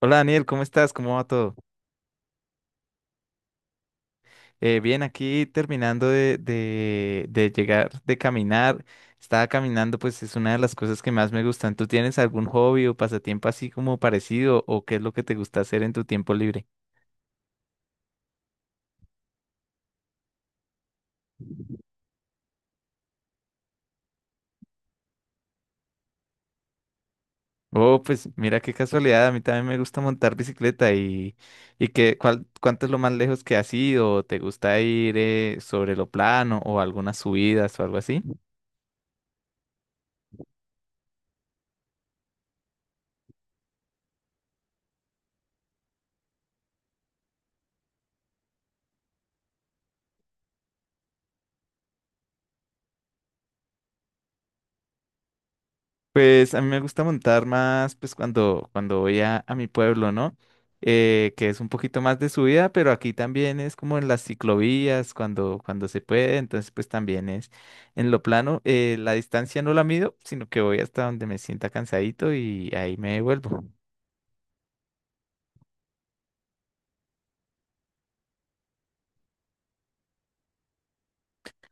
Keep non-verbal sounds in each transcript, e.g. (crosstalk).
Hola Daniel, ¿cómo estás? ¿Cómo va todo? Bien, aquí terminando de llegar, de caminar. Estaba caminando, pues es una de las cosas que más me gustan. ¿Tú tienes algún hobby o pasatiempo así como parecido o qué es lo que te gusta hacer en tu tiempo libre? Oh, pues mira qué casualidad, a mí también me gusta montar bicicleta. ¿Cuánto es lo más lejos que has ido? ¿Te gusta ir sobre lo plano o algunas subidas o algo así? Pues a mí me gusta montar más, pues cuando voy a mi pueblo, ¿no? Que es un poquito más de subida, pero aquí también es como en las ciclovías, cuando se puede, entonces pues también es en lo plano. La distancia no la mido, sino que voy hasta donde me sienta cansadito y ahí me devuelvo.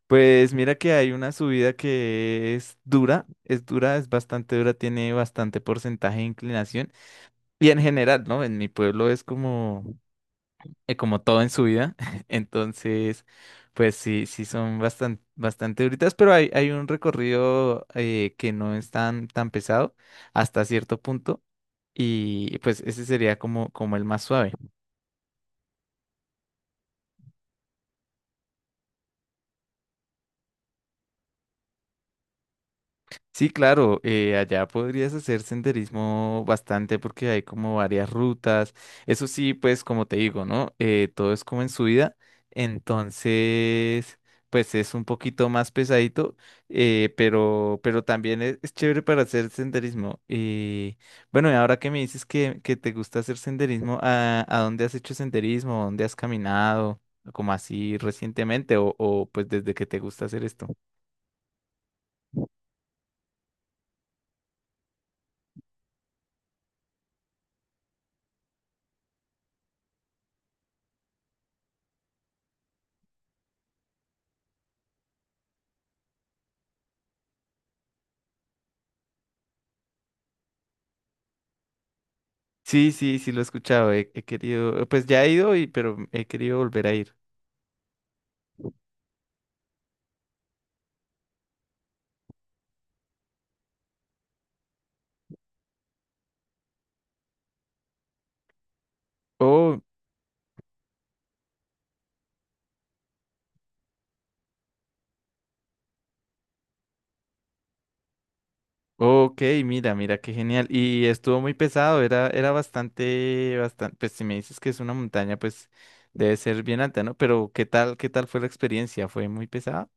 Pues mira que hay una subida que es dura, es dura, es bastante dura, tiene bastante porcentaje de inclinación. Y en general, ¿no? En mi pueblo es como todo en su vida. (laughs) Entonces, pues sí, sí son bastante, bastante duritas, pero hay un recorrido que no es tan, tan pesado hasta cierto punto. Y pues ese sería como el más suave. Sí, claro, allá podrías hacer senderismo bastante porque hay como varias rutas. Eso sí, pues como te digo, ¿no? Todo es como en subida, entonces, pues es un poquito más pesadito, pero también es chévere para hacer senderismo. Y bueno, y ahora que me dices que te gusta hacer senderismo, ¿a dónde has hecho senderismo? ¿Dónde has caminado? Como así recientemente o pues desde que te gusta hacer esto. Sí, sí, sí, lo he escuchado. He querido, pues ya he ido, pero he querido volver a ir. Oh, Ok, mira, mira, qué genial. Y estuvo muy pesado, era bastante, bastante, pues si me dices que es una montaña, pues debe ser bien alta, ¿no? Pero qué tal fue la experiencia? ¿Fue muy pesada?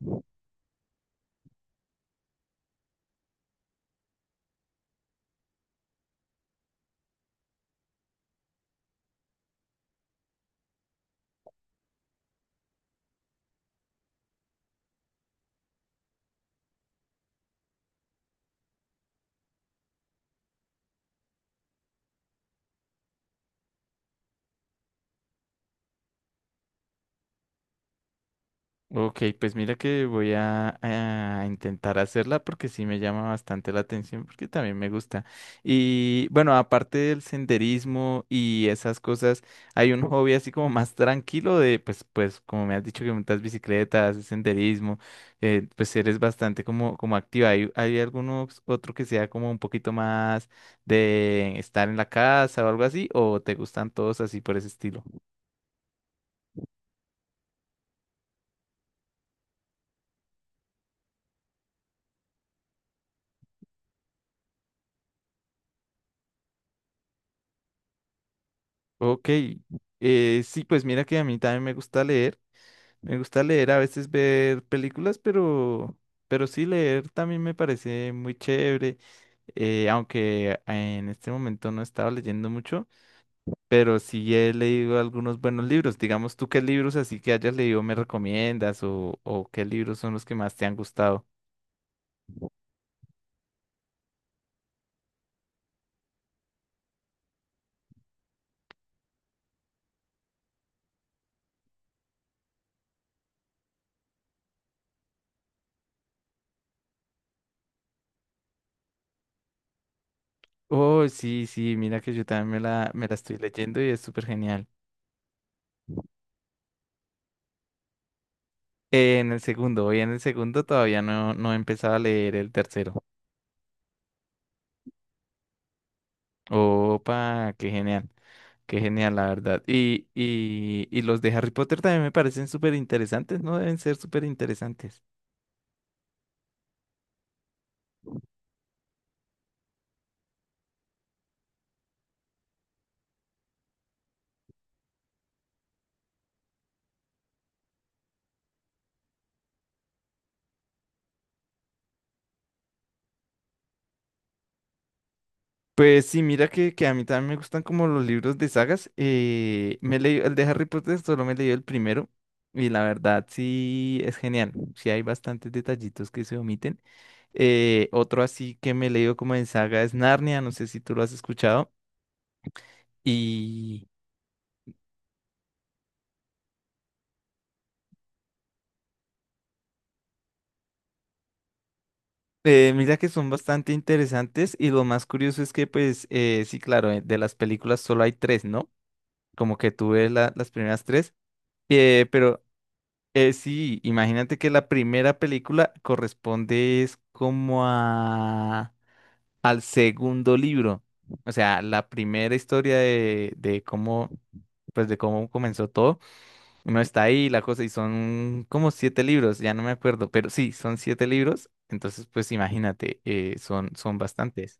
Ok, pues mira que voy a intentar hacerla porque sí me llama bastante la atención porque también me gusta. Y bueno, aparte del senderismo y esas cosas, hay un hobby así como más tranquilo de, pues, como me has dicho que montas bicicletas, haces senderismo, pues eres bastante como activa. ¿Hay alguno otro que sea como un poquito más de estar en la casa o algo así? ¿O te gustan todos así por ese estilo? Ok, sí, pues mira que a mí también me gusta leer, a veces ver películas, pero sí leer también me parece muy chévere, aunque en este momento no he estado leyendo mucho, pero sí he leído algunos buenos libros. Digamos, ¿tú qué libros así que hayas leído me recomiendas o qué libros son los que más te han gustado? Oh, sí, sí, mira que yo también me la estoy leyendo y es súper genial. En el segundo, voy en el segundo todavía no he empezado a leer el tercero. Opa, qué genial, la verdad. Y los de Harry Potter también me parecen súper interesantes, ¿no? Deben ser súper interesantes. Pues sí, mira que a mí también me gustan como los libros de sagas. Me he leído el de Harry Potter, solo me he leído el primero. Y la verdad sí es genial. Sí hay bastantes detallitos que se omiten. Otro así que me he leído como en saga es Narnia, no sé si tú lo has escuchado. Y mira que son bastante interesantes. Y lo más curioso es que pues sí, claro, de las películas solo hay tres, ¿no? Como que tú ves las primeras tres. Eh, pero sí, imagínate que la primera película corresponde es como a al segundo libro. O sea, la primera historia de cómo, pues de cómo comenzó todo. Uno está ahí, la cosa, y son como siete libros, ya no me acuerdo, pero sí, son siete libros. Entonces, pues imagínate, son bastantes.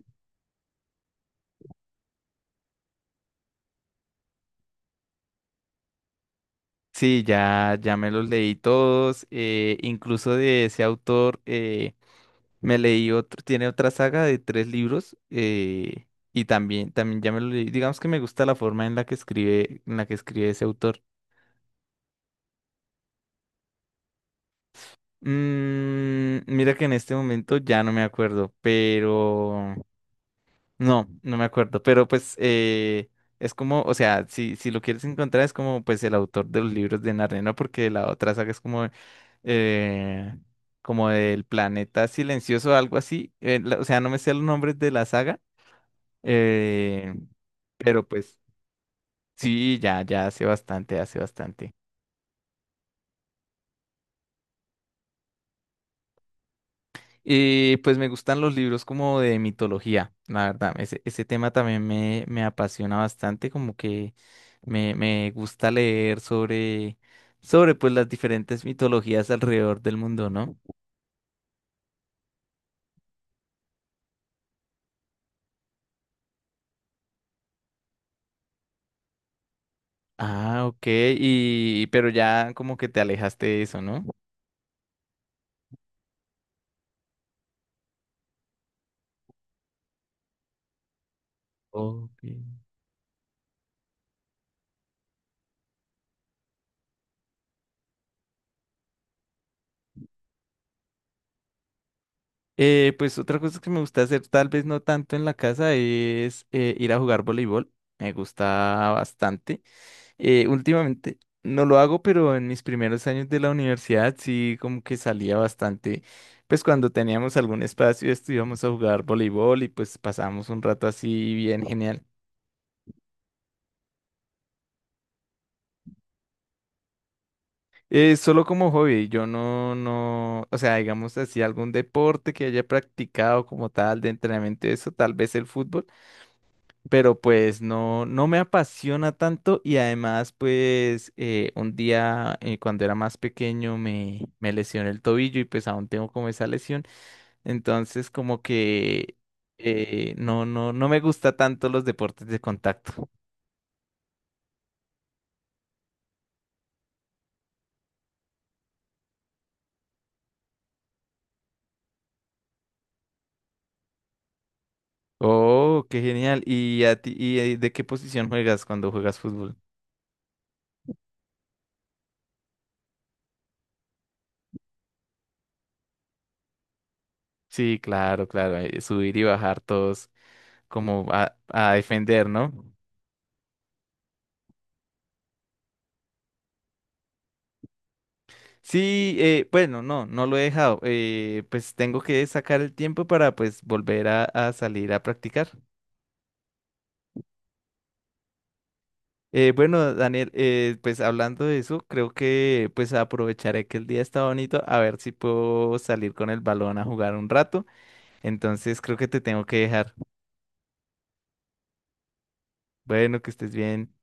Sí, ya, ya me los leí todos. Incluso de ese autor. Me leí otro, tiene otra saga de tres libros y también ya me lo leí. Digamos que me gusta la forma en la que escribe, en la que escribe ese autor. Mira que en este momento ya no me acuerdo, pero no me acuerdo. Pero pues es como, o sea, si lo quieres encontrar es como pues el autor de los libros de Narnia, ¿no? Porque la otra saga es eh, como del planeta silencioso, algo así. O sea, no me sé los nombres de la saga. Eh, Pero pues sí, ya, ya hace bastante, hace bastante. Y pues me gustan los libros como de mitología, la verdad. Ese tema también me apasiona bastante, como que me gusta leer sobre pues las diferentes mitologías alrededor del mundo, ¿no? Ah, ok, pero ya como que te alejaste de eso, ¿no? Ok. Pues otra cosa que me gusta hacer, tal vez no tanto en la casa, es ir a jugar voleibol. Me gusta bastante. Últimamente no lo hago, pero en mis primeros años de la universidad sí como que salía bastante. Pues cuando teníamos algún espacio, estuvimos a jugar voleibol y pues pasábamos un rato así bien genial. Solo como hobby, yo no, no, o sea, digamos así, algún deporte que haya practicado como tal de entrenamiento, eso, tal vez el fútbol. Pero pues no, no me apasiona tanto y además pues un día cuando era más pequeño me lesioné el tobillo y pues aún tengo como esa lesión, entonces como que no, no, no me gusta tanto los deportes de contacto. Oh, qué genial. ¿Y a ti, y de qué posición juegas cuando juegas fútbol? Sí, claro, claro, subir y bajar todos como a defender, ¿no? Sí, bueno, no, no lo he dejado. Pues tengo que sacar el tiempo para pues volver a salir a practicar. Bueno, Daniel, pues hablando de eso, creo que pues aprovecharé que el día está bonito a ver si puedo salir con el balón a jugar un rato. Entonces creo que te tengo que dejar. Bueno, que estés bien.